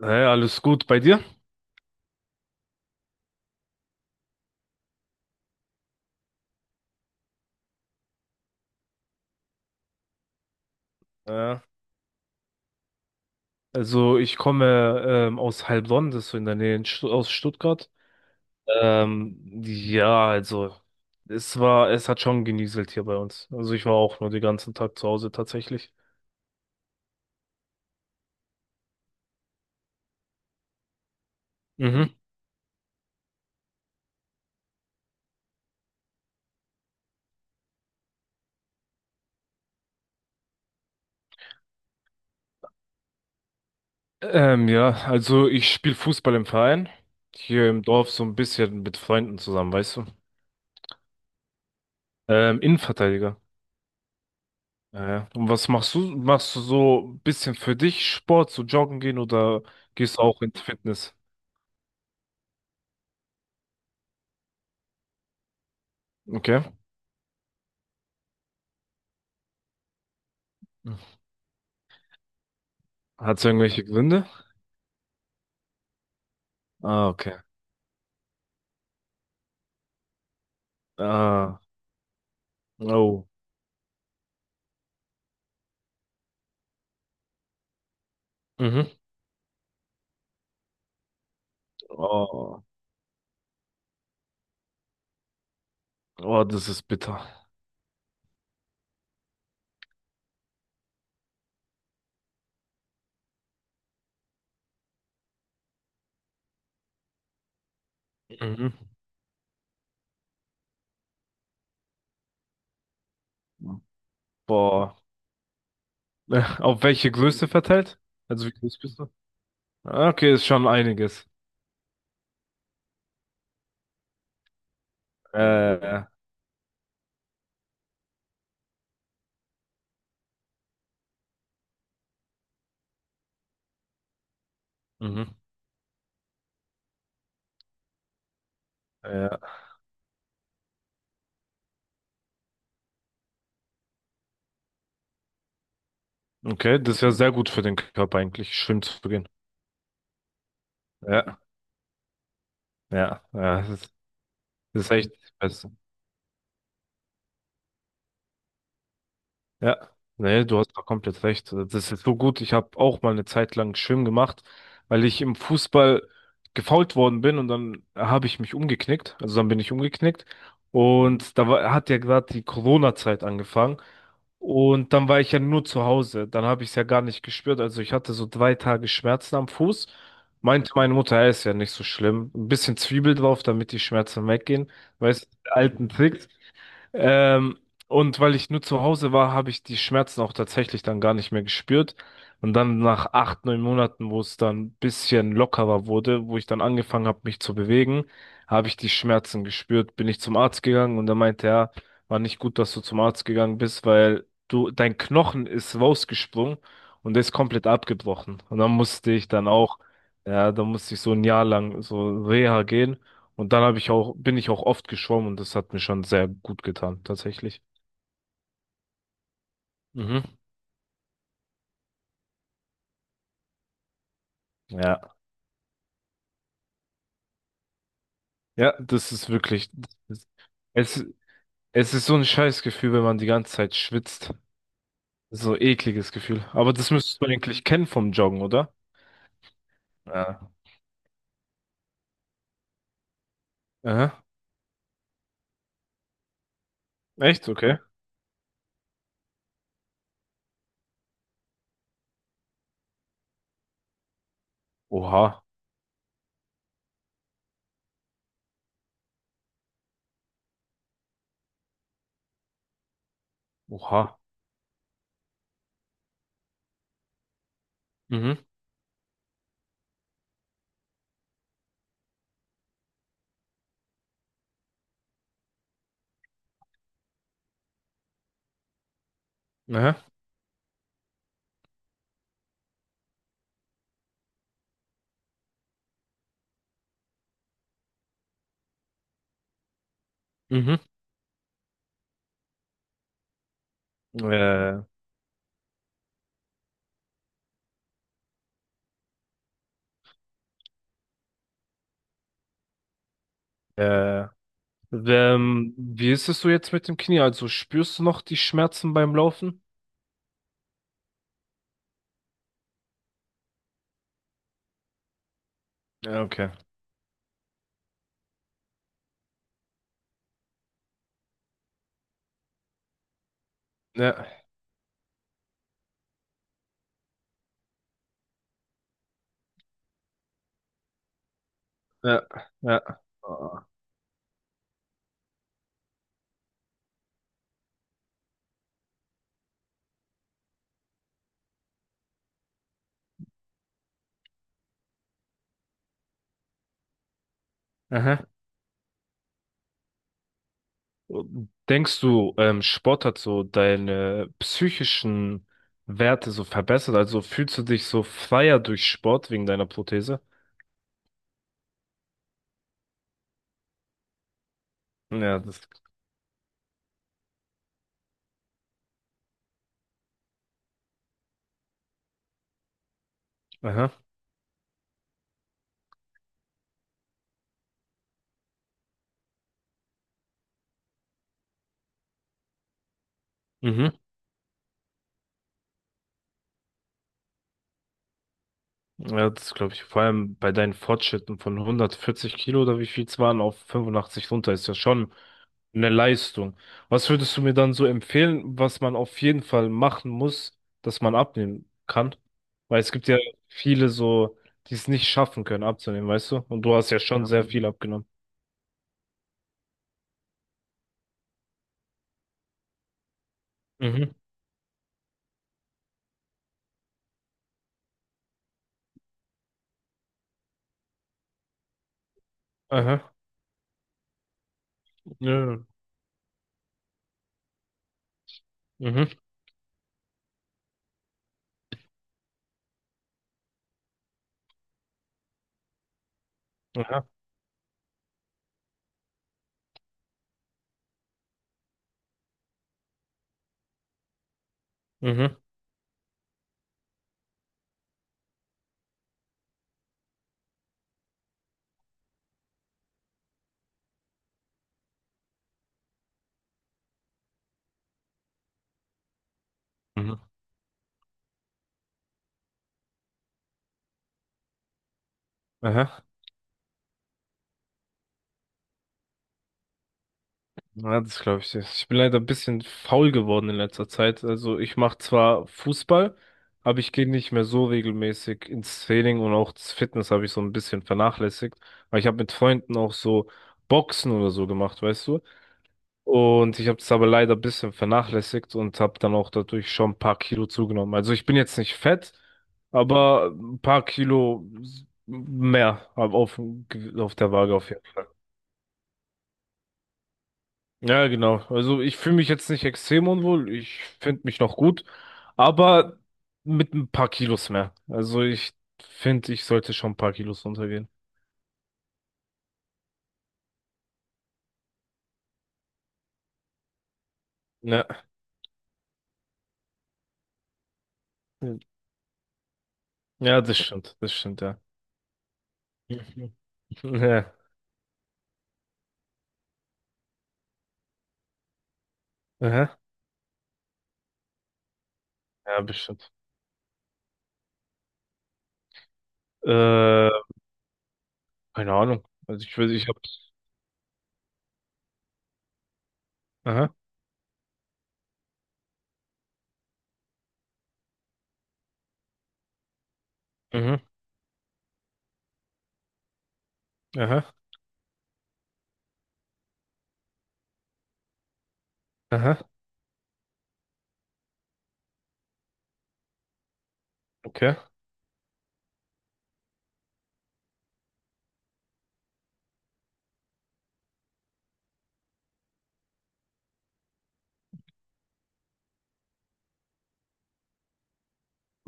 Hey, alles gut bei dir? Ja. Also ich komme aus Heilbronn, das ist so in der Nähe in Stuttgart. Ja, also es hat schon genieselt hier bei uns. Also ich war auch nur den ganzen Tag zu Hause tatsächlich. Mhm. Ja, also ich spiele Fußball im Verein, hier im Dorf so ein bisschen mit Freunden zusammen, weißt du? Innenverteidiger. Ja, ja. Und was machst du? Machst du so ein bisschen für dich Sport, so joggen gehen oder gehst du auch ins Fitness? Okay. Hat es irgendwelche Gründe? Ah, okay. Ah, oh. Mhm. Oh. Oh, das ist bitter. Mhm. Boah. Auf welche Größe verteilt? Also wie groß bist du? Ah, okay, ist schon einiges. Äh, Mhm, ja. Okay, das ist ja sehr gut für den Körper eigentlich, schwimmen zu gehen. Ja, ja, ja, das ist echt besser. Ja, nee, du hast da komplett recht. Das ist so gut. Ich habe auch mal eine Zeit lang Schwimmen gemacht, weil ich im Fußball gefoult worden bin und dann habe ich mich umgeknickt. Also dann bin ich umgeknickt und hat ja gerade die Corona-Zeit angefangen und dann war ich ja nur zu Hause. Dann habe ich es ja gar nicht gespürt. Also ich hatte so drei Tage Schmerzen am Fuß. Meinte meine Mutter, ja, ist ja nicht so schlimm. Ein bisschen Zwiebel drauf, damit die Schmerzen weggehen. Weißt du, die alten Tricks. Ähm, und weil ich nur zu Hause war, habe ich die Schmerzen auch tatsächlich dann gar nicht mehr gespürt. Und dann nach acht, neun Monaten, wo es dann ein bisschen lockerer wurde, wo ich dann angefangen habe, mich zu bewegen, habe ich die Schmerzen gespürt, bin ich zum Arzt gegangen und er meinte, ja, war nicht gut, dass du zum Arzt gegangen bist, weil dein Knochen ist rausgesprungen und der ist komplett abgebrochen. Und dann musste ich dann auch, ja, dann musste ich so ein Jahr lang so Reha gehen. Und dann habe ich auch, bin ich auch oft geschwommen und das hat mir schon sehr gut getan, tatsächlich. Mhm. Ja. Ja, das ist wirklich, es, es ist so ein scheiß Gefühl, wenn man die ganze Zeit schwitzt. So ein ekliges Gefühl. Aber das müsstest du eigentlich kennen vom Joggen, oder? Ja. Aha. Echt? Okay. Oha. Oha. Mhm. Aha. Mhm. Äh, äh, wie ist es so jetzt mit dem Knie? Also spürst du noch die Schmerzen beim Laufen? Ja, okay. Ja, ja, ja. Aha. Denkst du, Sport hat so deine psychischen Werte so verbessert? Also fühlst du dich so freier durch Sport wegen deiner Prothese? Ja, das. Aha. Mhm. Ja, das glaube ich. Vor allem bei deinen Fortschritten von 140 Kilo oder wie viel es waren auf 85 runter ist ja schon eine Leistung. Was würdest du mir dann so empfehlen, was man auf jeden Fall machen muss, dass man abnehmen kann? Weil es gibt ja viele so, die es nicht schaffen können, abzunehmen, weißt du? Und du hast ja schon sehr viel abgenommen. Mhm. Aha. Ja. Mhm. Aha. Mhm. Mhm. Aha. Ja, das glaube ich nicht. Ich bin leider ein bisschen faul geworden in letzter Zeit. Also ich mache zwar Fußball, aber ich gehe nicht mehr so regelmäßig ins Training und auch das Fitness habe ich so ein bisschen vernachlässigt. Weil ich habe mit Freunden auch so Boxen oder so gemacht, weißt du? Und ich habe das aber leider ein bisschen vernachlässigt und habe dann auch dadurch schon ein paar Kilo zugenommen. Also ich bin jetzt nicht fett, aber ein paar Kilo mehr auf der Waage auf jeden Fall. Ja, genau. Also ich fühle mich jetzt nicht extrem unwohl. Ich finde mich noch gut, aber mit ein paar Kilos mehr. Also ich finde, ich sollte schon ein paar Kilos runtergehen. Ja, ja, das stimmt. Das stimmt, ja. Mhm. Ja, aha. Ja, bestimmt. Äh, keine Ahnung. Also ich hab's. Aha. Mhm. Aha. Aha. Okay.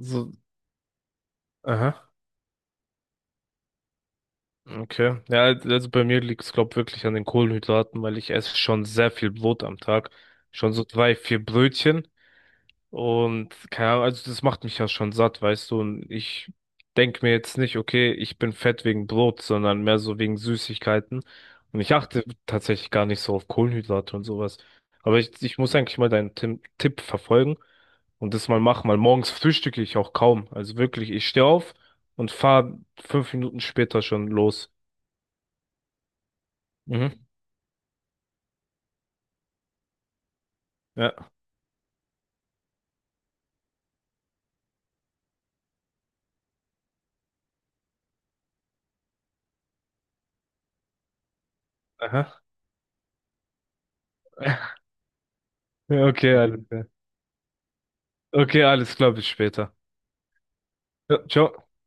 So, aha. Okay. Ja, also bei mir liegt's, glaub, wirklich an den Kohlenhydraten, weil ich esse schon sehr viel Brot am Tag. Schon so drei, vier Brötchen. Und keine Ahnung, also das macht mich ja schon satt, weißt du. Und ich denke mir jetzt nicht, okay, ich bin fett wegen Brot, sondern mehr so wegen Süßigkeiten. Und ich achte tatsächlich gar nicht so auf Kohlenhydrate und sowas. Aber ich muss eigentlich mal deinen Tim Tipp verfolgen und das mal machen, weil morgens frühstücke ich auch kaum. Also wirklich, ich stehe auf und fahre fünf Minuten später schon los. Mhm. Ja. Aha. Okay, alles klar. Okay, alles klar, bis später. Ja, ciao.